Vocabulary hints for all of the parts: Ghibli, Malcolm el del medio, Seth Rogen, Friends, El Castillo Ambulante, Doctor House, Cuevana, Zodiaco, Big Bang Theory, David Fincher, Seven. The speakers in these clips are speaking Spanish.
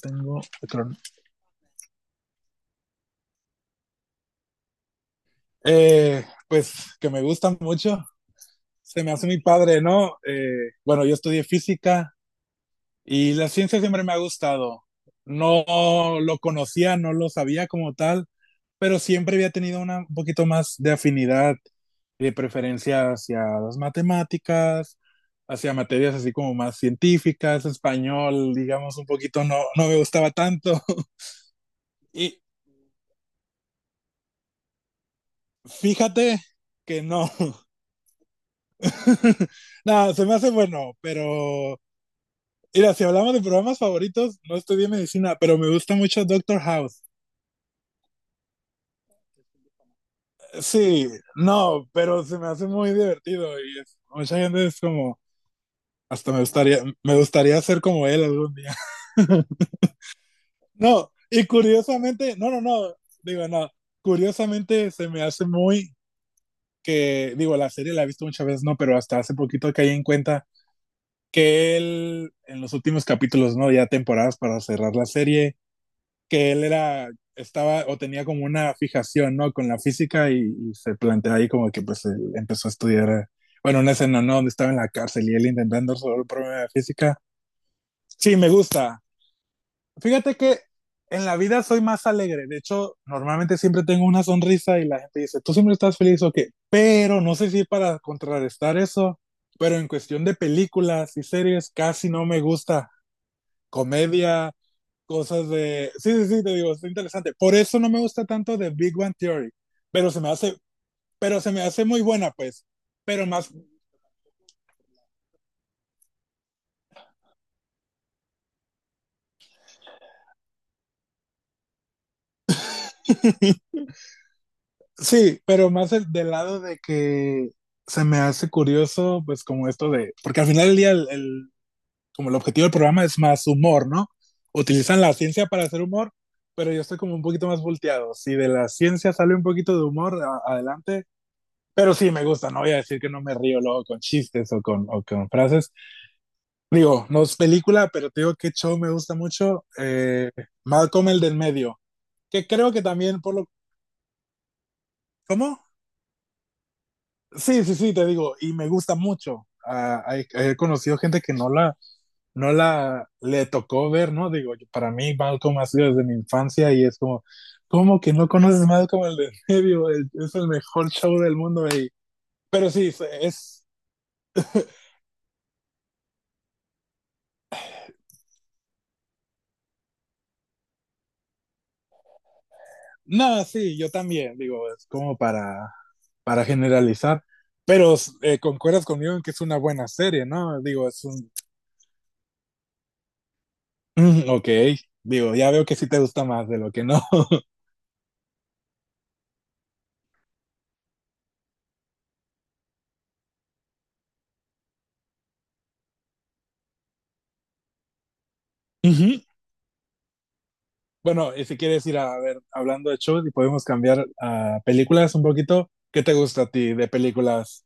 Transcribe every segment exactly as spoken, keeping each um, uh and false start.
Tengo. Eh, pues que me gusta mucho. Se me hace mi padre, ¿no? Eh, bueno, yo estudié física y la ciencia siempre me ha gustado. No lo conocía, no lo sabía como tal, pero siempre había tenido una, un poquito más de afinidad y de preferencia hacia las matemáticas, hacia materias así como más científicas, español, digamos, un poquito no, no me gustaba tanto. Y fíjate que no, no, se me hace bueno, pero mira, si hablamos de programas favoritos, no estudié medicina, pero me gusta mucho Doctor House. Sí, no, pero se me hace muy divertido y es- mucha gente es como, hasta me gustaría, me gustaría ser como él algún día. No, y curiosamente, no, no, no, digo, no, curiosamente se me hace muy que, digo, la serie la he visto muchas veces, no, pero hasta hace poquito caí en cuenta que él en los últimos capítulos, no, ya temporadas para cerrar la serie que él era, estaba o tenía como una fijación, ¿no? Con la física y, y se plantea ahí como que pues él empezó a estudiar, eh, bueno, una escena, ¿no? Donde estaba en la cárcel y él intentando resolver el problema de física. Sí, me gusta. Fíjate que en la vida soy más alegre. De hecho, normalmente siempre tengo una sonrisa y la gente dice, tú siempre estás feliz o okay, qué. Pero no sé si para contrarrestar eso, pero en cuestión de películas y series casi no me gusta. Comedia, cosas de... Sí, sí, sí, te digo, es interesante. Por eso no me gusta tanto de Big Bang Theory, pero se me hace, pero se me hace muy buena, pues. Pero más, sí, pero más el- del lado de que se me hace curioso, pues como esto de, porque al final del día, el, el- como el objetivo del programa es más humor, ¿no? Utilizan la ciencia para hacer humor, pero yo estoy como un poquito más volteado. Si de la ciencia sale un poquito de humor, a- adelante. Pero sí, me gusta, no voy a decir que no me río luego con chistes o con, o con frases. Digo, no es película, pero te digo que show me gusta mucho. Eh, Malcolm el del medio, que creo que también por lo... ¿Cómo? Sí, sí, sí, te digo, y me gusta mucho. Ah, hay- he conocido gente que no la, no la le tocó ver, ¿no? Digo, yo- para mí Malcolm ha sido desde mi infancia y es como, ¿cómo que no conoces Malcolm el del medio? El- es el mejor show del mundo. y- Pero sí, es, no, sí, yo también, digo, es como para, para generalizar, pero eh, concuerdas conmigo en que es una buena serie, ¿no? Digo, es un... Mm, ok, digo, ya veo que sí te gusta más de lo que no. Ujú. Bueno, y si quieres ir a, a ver, hablando de shows y podemos cambiar a películas un poquito, ¿qué te gusta a ti de películas?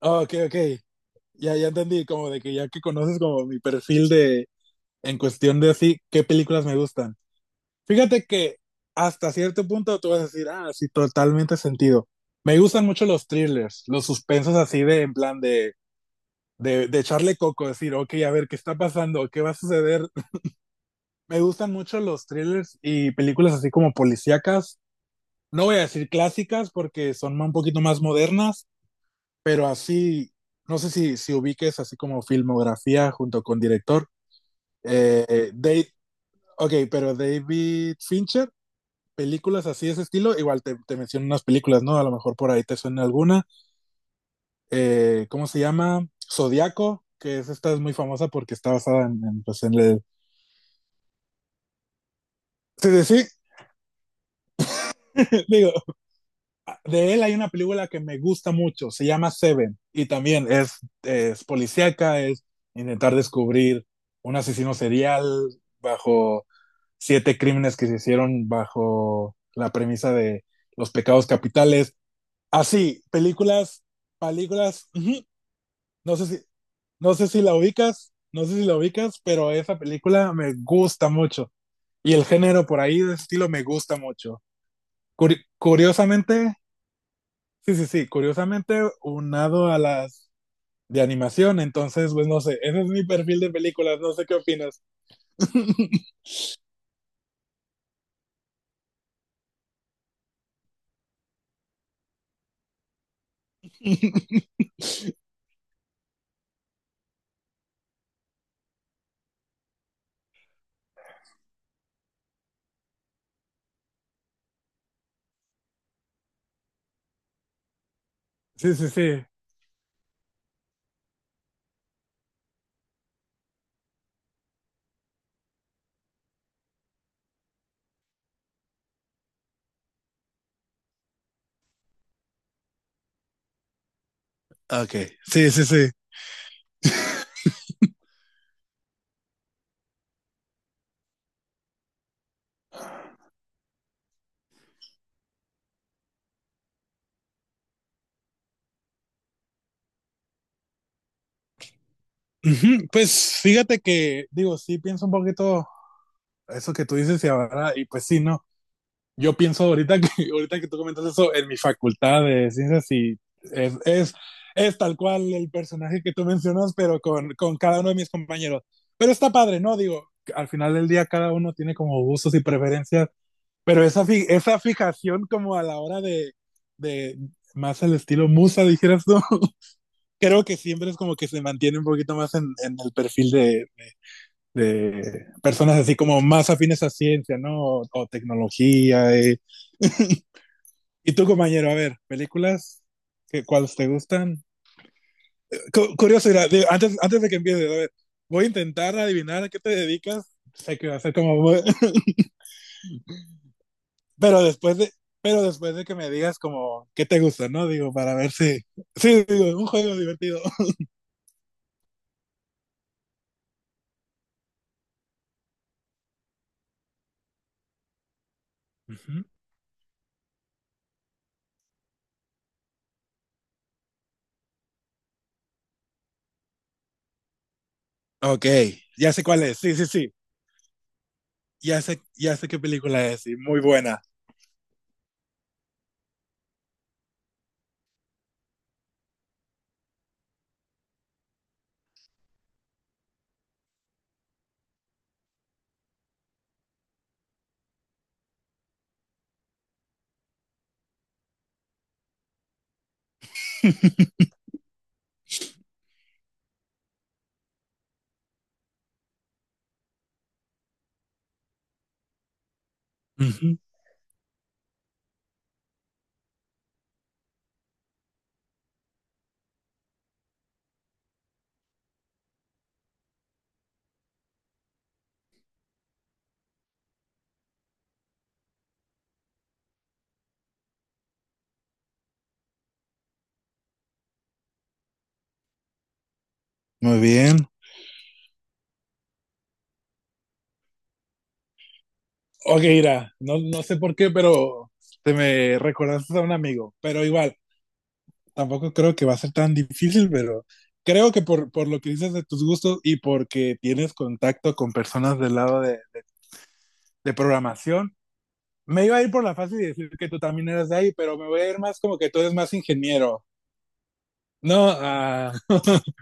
Oh, ok, ok, ya, ya entendí, como de que ya que conoces como mi perfil de, en cuestión de así, ¿qué películas me gustan? Fíjate que hasta cierto punto tú vas a decir, ah, sí, totalmente sentido. Me gustan mucho los thrillers, los suspensos así de, en plan de, de, de echarle coco, decir, ok, a ver, ¿qué está pasando? ¿Qué va a suceder? Me gustan mucho los thrillers y películas así como policíacas. No voy a decir clásicas porque son un poquito más modernas, pero así, no sé si, si ubiques así como filmografía junto con director. Eh, eh, Dave, ok, pero David Fincher películas así de ese estilo, igual te, te menciono unas películas, ¿no? A lo mejor por ahí te suena alguna. Eh, ¿Cómo se llama? Zodiaco, que es, esta es muy famosa porque está basada en, en, pues, en el... Sí, sí, sí, digo, de él hay una película que me gusta mucho, se llama Seven, y también es, es policíaca, es intentar descubrir un asesino serial bajo siete crímenes que se hicieron bajo la premisa de los pecados capitales. Así, películas, películas, No sé si, no sé si la ubicas, no sé si la ubicas, pero esa película me gusta mucho. Y el género por ahí de estilo me gusta mucho. Curi- curiosamente, sí, sí, sí, curiosamente unado a las de animación, entonces, pues no sé, ese es mi perfil de películas, no sé qué opinas. Sí, sí, sí. Ok. Sí, sí, sí. Ujú. Pues fíjate que, digo, sí pienso un poquito eso que tú dices y ahora, y pues sí, ¿no? Yo pienso ahorita que, ahorita que tú comentas eso, en mi facultad de ciencias y es, es, es tal cual el personaje que tú mencionas, pero con, con cada uno de mis compañeros. Pero está padre, ¿no? Digo, al final del día cada uno tiene como gustos y preferencias, pero esa, fi- esa fijación como a la hora de, de más el estilo musa, dijeras tú, creo que siempre es como que se mantiene un poquito más en, en el perfil de, de, de personas así como más afines a ciencia, ¿no? O, o tecnología, eh, y tú, compañero, a ver, películas, que, ¿cuáles te gustan? Cu- curioso, mira, digo, antes, antes de que empieces, a ver, voy a intentar adivinar a qué te dedicas. Sé que va a ser como, muy- pero después de, pero después de que me digas como qué te gusta, ¿no? Digo, para ver si, sí, digo, un juego divertido. Ujú. Ok, ya sé cuál es, sí, sí, sí, ya sé, ya sé qué película es, y muy buena. Ujú. Muy bien. Ok, mira, no, no sé por qué, pero te me recordaste a un amigo, pero igual, tampoco creo que va a ser tan difícil, pero creo que por, por lo que dices de tus gustos y porque tienes contacto con personas del lado de, de programación, me iba a ir por la fácil y decir que tú también eras de ahí, pero me voy a ir más como que tú eres más ingeniero. No, ah,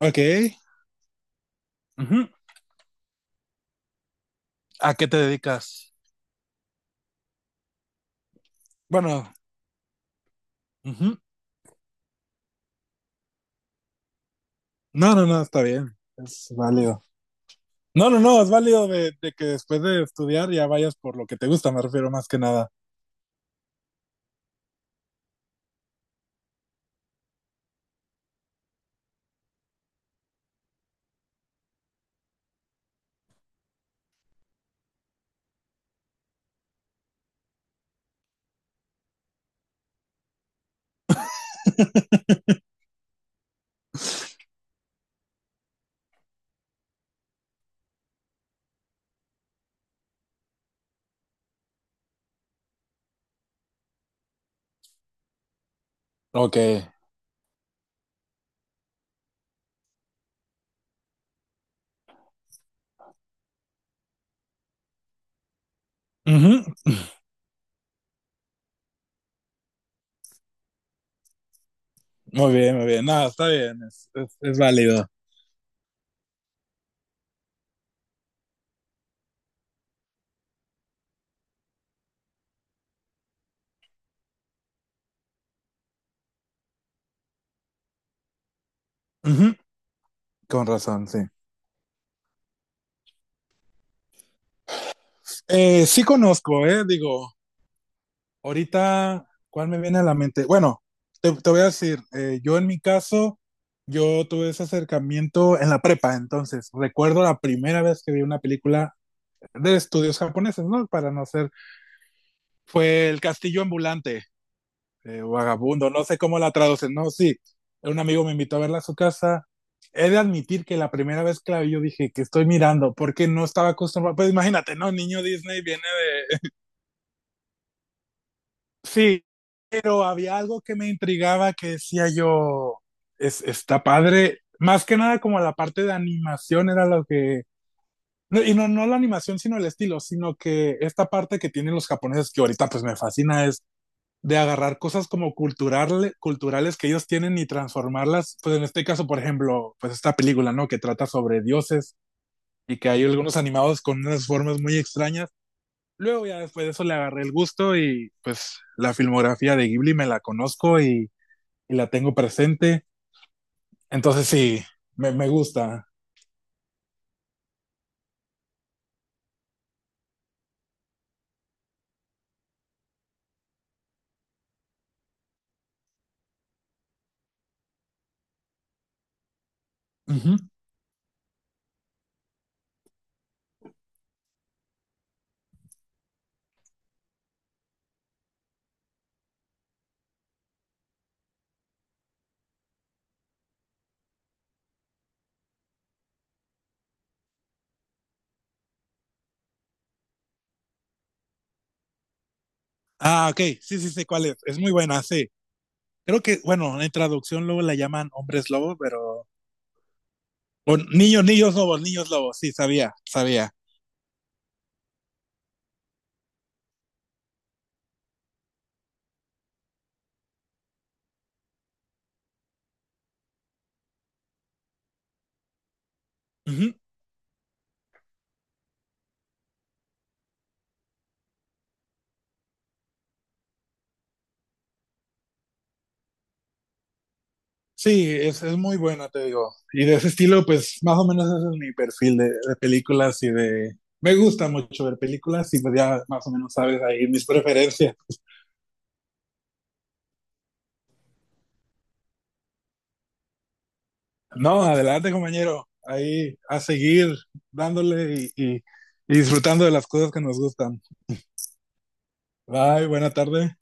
ok. Ujú. ¿A qué te dedicas? Bueno, ujú. No, no, no, está bien. Es válido. No, no, no, es válido de, de que después de estudiar ya vayas por lo que te gusta, me refiero más que nada. Ok. Ujú. Muy bien, muy bien. No, está bien, es, es, es válido. Ujú. Con razón, sí. Eh, sí conozco, eh, digo, ahorita, ¿cuál me viene a la mente? Bueno, te, te voy a decir, eh, yo en mi caso, yo tuve ese acercamiento en la prepa, entonces recuerdo la primera vez que vi una película de estudios japoneses, ¿no? Para no ser, fue El Castillo Ambulante, eh, vagabundo, no sé cómo la traducen, no, sí. Un amigo me invitó a verla a su casa. He de admitir que la primera vez que la vi, yo dije que estoy mirando, porque no estaba acostumbrado. Pues imagínate, ¿no? Niño Disney viene de. Sí, pero había algo que me intrigaba que decía yo, es, está padre. Más que nada, como la parte de animación era lo que no, y no, no la animación, sino el estilo, sino que esta parte que tienen los japoneses que ahorita pues me fascina es de agarrar cosas como cultural, culturales que ellos tienen y transformarlas, pues en este caso, por ejemplo, pues esta película, ¿no? Que trata sobre dioses y que hay algunos animados con unas formas muy extrañas. Luego ya después de eso le agarré el gusto y pues la filmografía de Ghibli me la conozco y, y la tengo presente. Entonces sí, me, me gusta. Uh -huh. Ah, ok, sí, sí, sí, cuál es. Es muy buena, sí. Creo que, bueno, en traducción luego la llaman hombres lobo, pero... O niños, niños lobos, niños lobos, sí, sabía, sabía. Uh -huh. Sí, es, es muy buena, te digo. Y de ese estilo, pues más o menos ese es mi perfil de, de películas y de... Me gusta mucho ver películas y pues ya más o menos sabes ahí mis preferencias. No, adelante compañero, ahí a seguir dándole y, y- y disfrutando de las cosas que nos gustan. Bye, buena tarde.